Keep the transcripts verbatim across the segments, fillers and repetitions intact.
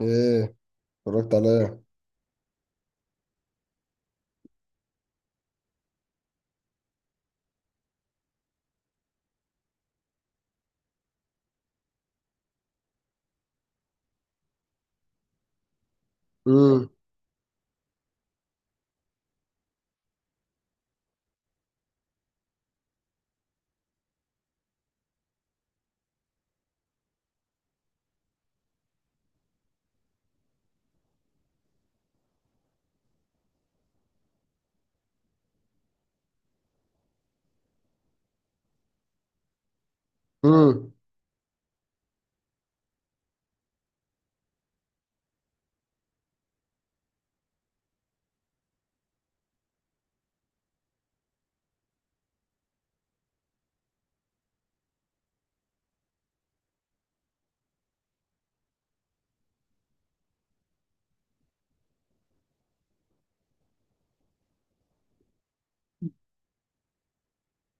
ايه؟ اتفرجت عليها. امم، امم،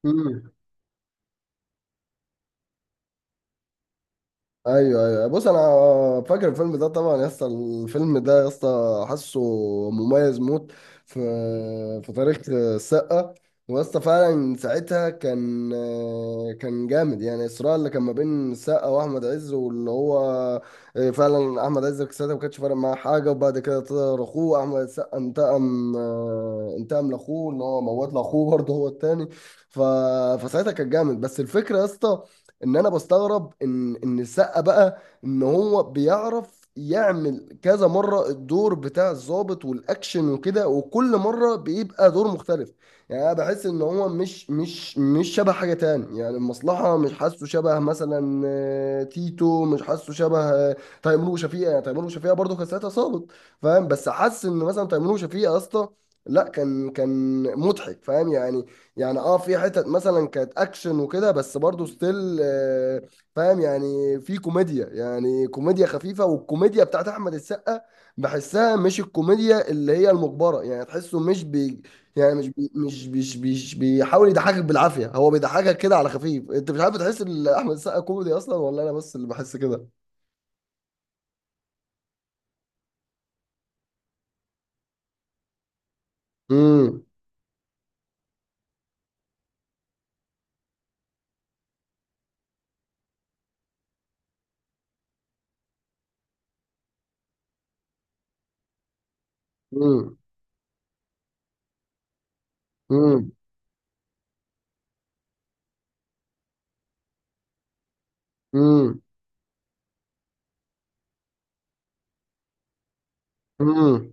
امم. ايوه، ايوه، بص انا فاكر الفيلم ده طبعا يا اسطى، الفيلم ده يا اسطى حاسه مميز موت في في تاريخ السقا. ويا اسطى فعلا ساعتها كان كان جامد، يعني الصراع اللي كان ما بين السقا واحمد عز، واللي هو فعلا احمد عز ساعتها ما كانش فارق معاه حاجه، وبعد كده طلع اخوه احمد السقا انتقم انتقم لاخوه، ان هو موت لاخوه برضه هو التاني. ف... فساعتها كان جامد، بس الفكره يا اسطى ان انا بستغرب ان ان السقا بقى ان هو بيعرف يعمل كذا مرة الدور بتاع الضابط والاكشن وكده، وكل مرة بيبقى دور مختلف. يعني انا بحس ان هو مش مش مش شبه حاجة تاني، يعني المصلحة مش حاسه شبه مثلا آه، تيتو، مش حاسه شبه آه، تيمور وشفيقة، يعني تيمور وشفيقة برضه كان ساعتها ظابط، فاهم؟ بس حاسس ان مثلا تيمور وشفيقة يا اسطى، لا، كان كان مضحك فاهم يعني. يعني اه في حتت مثلا كانت اكشن وكده، بس برضو ستيل، فاهم يعني؟ في كوميديا، يعني كوميديا خفيفه، والكوميديا بتاعت احمد السقا بحسها مش الكوميديا اللي هي المجبره، يعني تحسه مش بي يعني مش بي مش مش مش بيحاول يضحكك بالعافيه، هو بيضحكك كده على خفيف، انت مش عارف تحس ان احمد السقا كوميدي اصلا، ولا انا بس اللي بحس كده؟ امم، امم، امم، امم، امم،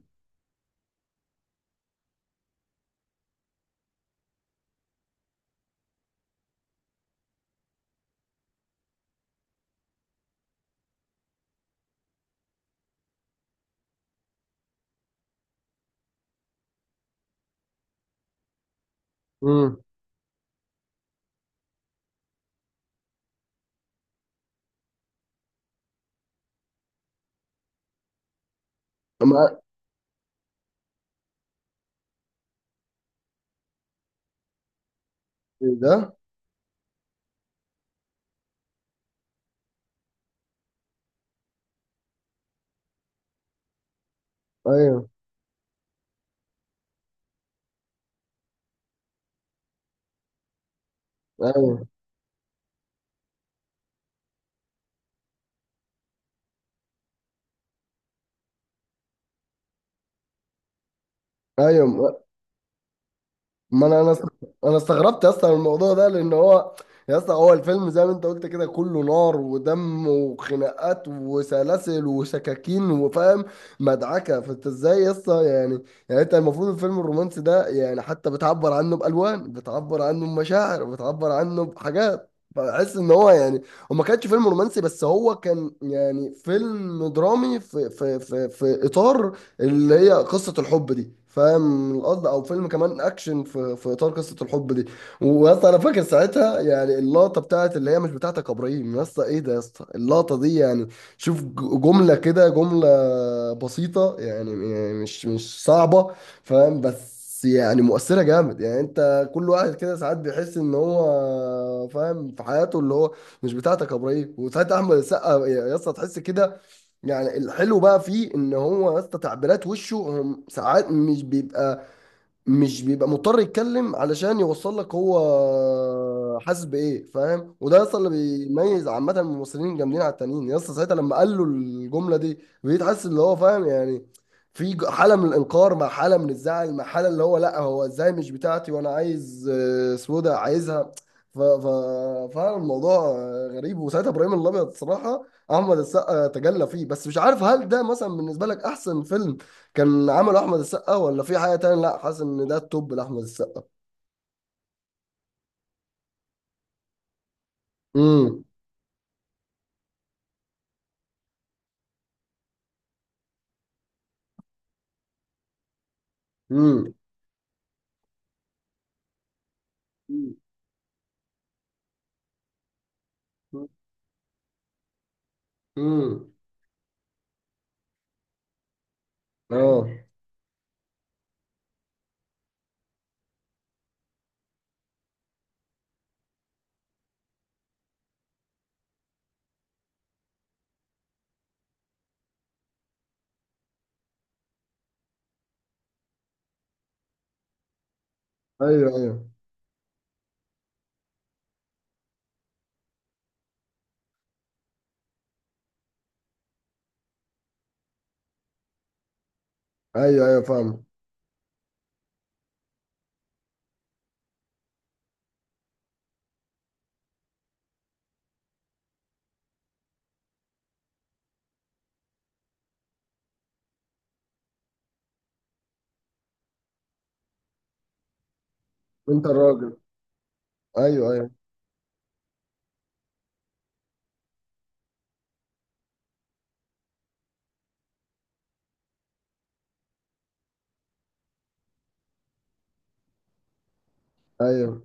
امم. ده، ايوه، ايوه، ايوه، ما انا انا است- انا استغربت اصلا من الموضوع ده لان هو يا اسطى، هو الفيلم زي ما انت قلت كده كله نار ودم وخناقات وسلاسل وسكاكين، وفاهم مدعكه، فانت ازاي يا اسطى يعني يعني انت المفروض الفيلم الرومانسي ده يعني حتى بتعبر عنه بالوان، بتعبر عنه بمشاعر، بتعبر عنه بحاجات، بحس ان هو يعني هو ما كانش فيلم رومانسي، بس هو كان يعني فيلم درامي في في في في اطار اللي هي قصة الحب دي، فاهم القصد، او فيلم كمان اكشن في في اطار قصة الحب دي. ويسطا انا فاكر ساعتها يعني اللقطة بتاعت اللي هي مش بتاعتك يا ابراهيم، يسطا ايه ده، يسطا اللقطة دي يعني، شوف ج- جملة كده، جملة بسيطة، يعني م- مش مش صعبة فاهم، بس يعني مؤثرة جامد. يعني انت كل واحد كده ساعات بيحس ان هو فاهم في حياته اللي هو مش بتاعتك يا ابراهيم، وساعات احمد السقا يا اسطى تحس كده. يعني الحلو بقى فيه ان هو يا اسطى تعبيرات وشه هم، ساعات مش بيبقى مش بيبقى مضطر يتكلم علشان يوصل لك هو حاسس بايه، فاهم؟ وده يا اسطى اللي بيميز عامه الممثلين الجامدين على التانيين، يا اسطى ساعتها لما قال له الجمله دي بقيت حاسس اللي هو فاهم يعني. في ج- حاله من الانكار مع حاله من الزعل، مع حاله اللي هو لا هو ازاي مش بتاعتي، وانا عايز آه، سودا عايزها. ف ف فعلا الموضوع آه، غريب، وساعتها ابراهيم الابيض الصراحه احمد السقا تجلى فيه، بس مش عارف هل ده مثلا بالنسبه لك احسن فيلم كان عمل احمد السقا، ولا في حاجه تانية؟ لا، حاسس ان ده التوب لاحمد السقا. امم، امم، امم، اه، ايوه، ايوه، ايوه، ايوه، فاهم، انت الراجل، ايوه، ايوه، ايوه،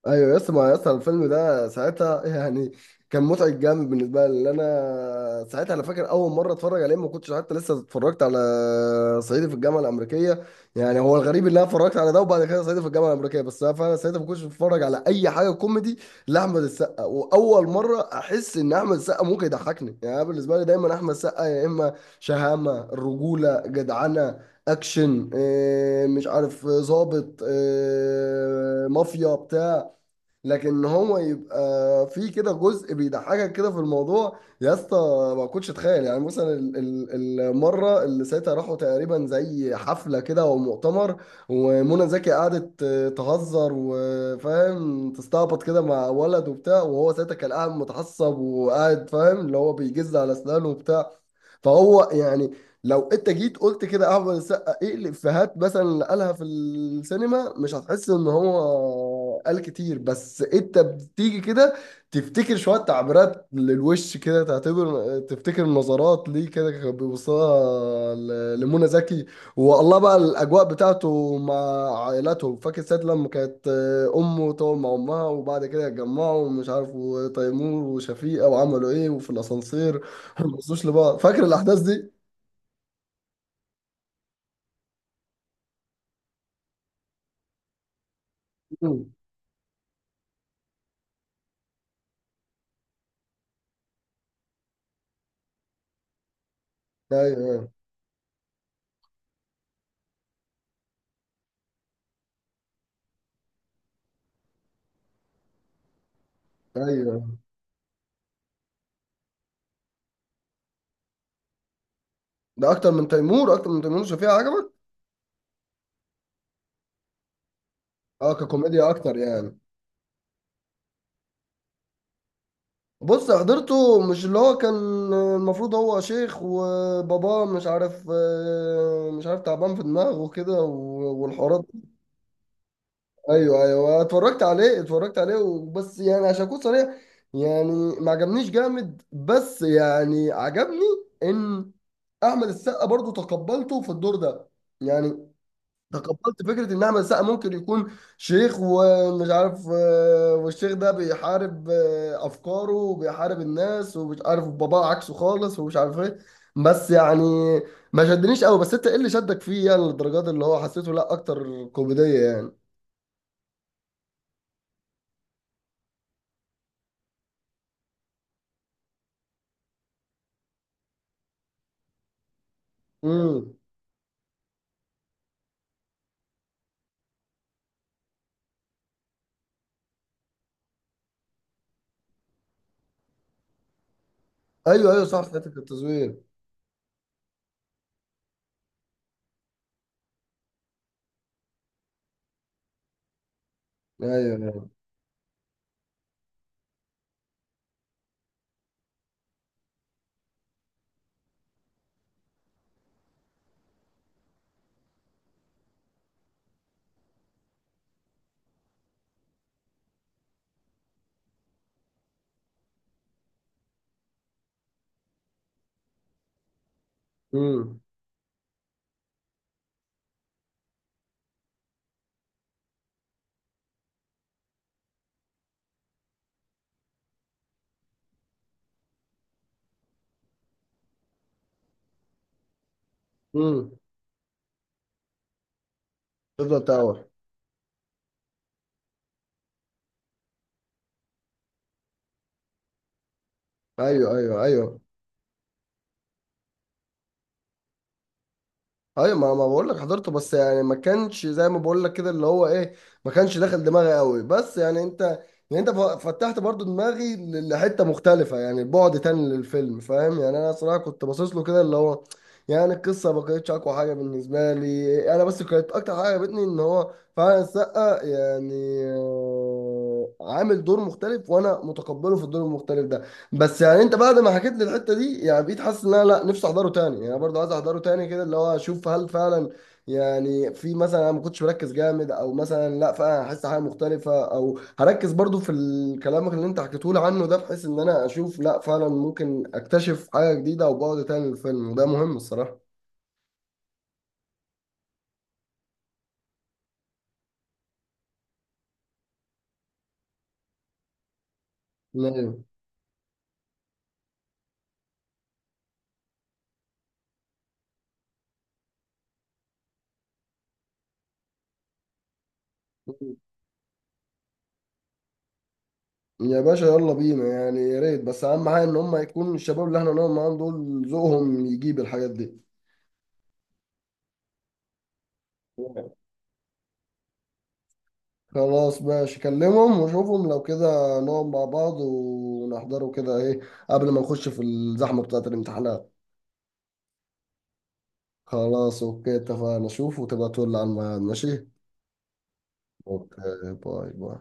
ايوه. يس ما يس الفيلم ده ساعتها يعني كان متعب جامد بالنسبه لي، لأن انا ساعتها انا فاكر اول مره اتفرج عليه ما كنتش حتى لسه اتفرجت على صعيدي في الجامعه الامريكيه. يعني هو الغريب ان انا اتفرجت على ده وبعد كده صعيدي في الجامعه الامريكيه، بس انا فعلا ساعتها ما كنتش بتفرج على اي حاجه كوميدي لاحمد السقا، واول مره احس ان احمد السقا ممكن يضحكني. يعني أنا بالنسبه لي دايما احمد السقا، يا اما شهامه الرجوله جدعنه اكشن، إيه، مش عارف ظابط، إيه، مافيا بتاع، لكن هو يبقى في كده جزء بيضحكك كده في الموضوع يا اسطى. ما كنتش اتخيل يعني مثلا ال- ال- المره اللي ساعتها راحوا تقريبا زي حفله كده او مؤتمر، ومنى زكي قعدت تهزر وفاهم تستعبط كده مع ولد وبتاع، وهو ساعتها كان قاعد متعصب، وقاعد فاهم اللي هو بيجز على اسنانه وبتاع. فهو يعني لو انت جيت قلت كده احمد السقا ايه الافيهات مثلا اللي قالها في السينما، مش هتحس ان هو قال كتير، بس انت بتيجي كده تفتكر شويه تعبيرات للوش كده، تعتبر تفتكر نظرات ليه كده كان بيبصها ل- لمنى زكي. والله بقى الاجواء بتاعته مع عائلته، فاكر ساعه لما كانت امه تقعد مع امها وبعد كده يتجمعوا ومش عارف، وتيمور وشفيقه وعملوا ايه، وفي الاسانسير ما بصوش لبعض، فاكر الاحداث دي؟ مم. ايوه، ايوه، ايوه، ده اكتر من تيمور، اكتر من تيمور وشفيقة عجبك؟ اه، ككوميديا اكتر يعني. بص حضرته، مش اللي هو كان المفروض هو شيخ وباباه مش عارف، آه، مش عارف تعبان في دماغه كده و- والحوارات دي. ايوه، ايوه، اتفرجت عليه، اتفرجت عليه وبس يعني عشان اكون صريح، يعني ما عجبنيش جامد، بس يعني عجبني ان احمد السقا برضو تقبلته في الدور ده يعني. تقبلت فكرة إن أحمد السقا ممكن يكون شيخ ومش عارف، آه، والشيخ ده بيحارب آه، أفكاره وبيحارب الناس، ومش عارف باباه عكسه خالص ومش عارف إيه. بس يعني ما شدنيش قوي، بس أنت إيه اللي شدك فيه يعني للدرجات اللي هو حسيته؟ لا أكتر كوميدية يعني؟ امم، أيوه، أيوه، صح حتة التصوير، أيوه، أيوه، امم، امم، تفضل تاور، أيوه، أيوه، أيوه، ايوه. ما ما بقول لك حضرته، بس يعني ما كانش زي ما بقول لك كده اللي هو ايه، ما كانش داخل دماغي قوي، بس يعني انت، يعني انت ف- فتحت برضو دماغي ل- لحته مختلفه، يعني بعد تاني للفيلم فاهم يعني. انا صراحه كنت باصص له كده اللي هو، يعني القصه ما كانتش اقوى حاجه بالنسبه لي انا، بس كانت اكتر حاجه عجبتني ان هو فعلا السقا يعني آه، عامل دور مختلف وانا متقبله في الدور المختلف ده. بس يعني انت بعد ما حكيت لي الحته دي يعني بقيت حاسس ان انا لا، نفسي احضره تاني، يعني انا برضه عايز احضره تاني كده، اللي هو اشوف هل فعلا يعني في مثلا انا ما كنتش مركز جامد، او مثلا لا فعلا هحس حاجه مختلفه، او هركز برضه في الكلام اللي انت حكيته لي عنه ده، بحيث ان انا اشوف لا فعلا ممكن اكتشف حاجه جديده، او بعد تاني للفيلم، وده مهم الصراحه. نعم. يا باشا يلا بينا يعني، يا ريت، بس اهم حاجه ان هم يكون الشباب اللي احنا نقعد معاهم دول ذوقهم يجيب الحاجات دي. خلاص ماشي، كلمهم وشوفهم لو كده نقعد مع بعض ونحضره كده ايه، قبل ما نخش في الزحمة بتاعة الامتحانات. خلاص، اوكي، اتفقنا، شوف وتبقى تقول لي على الميعاد، ماشي؟ اوكي، باي باي.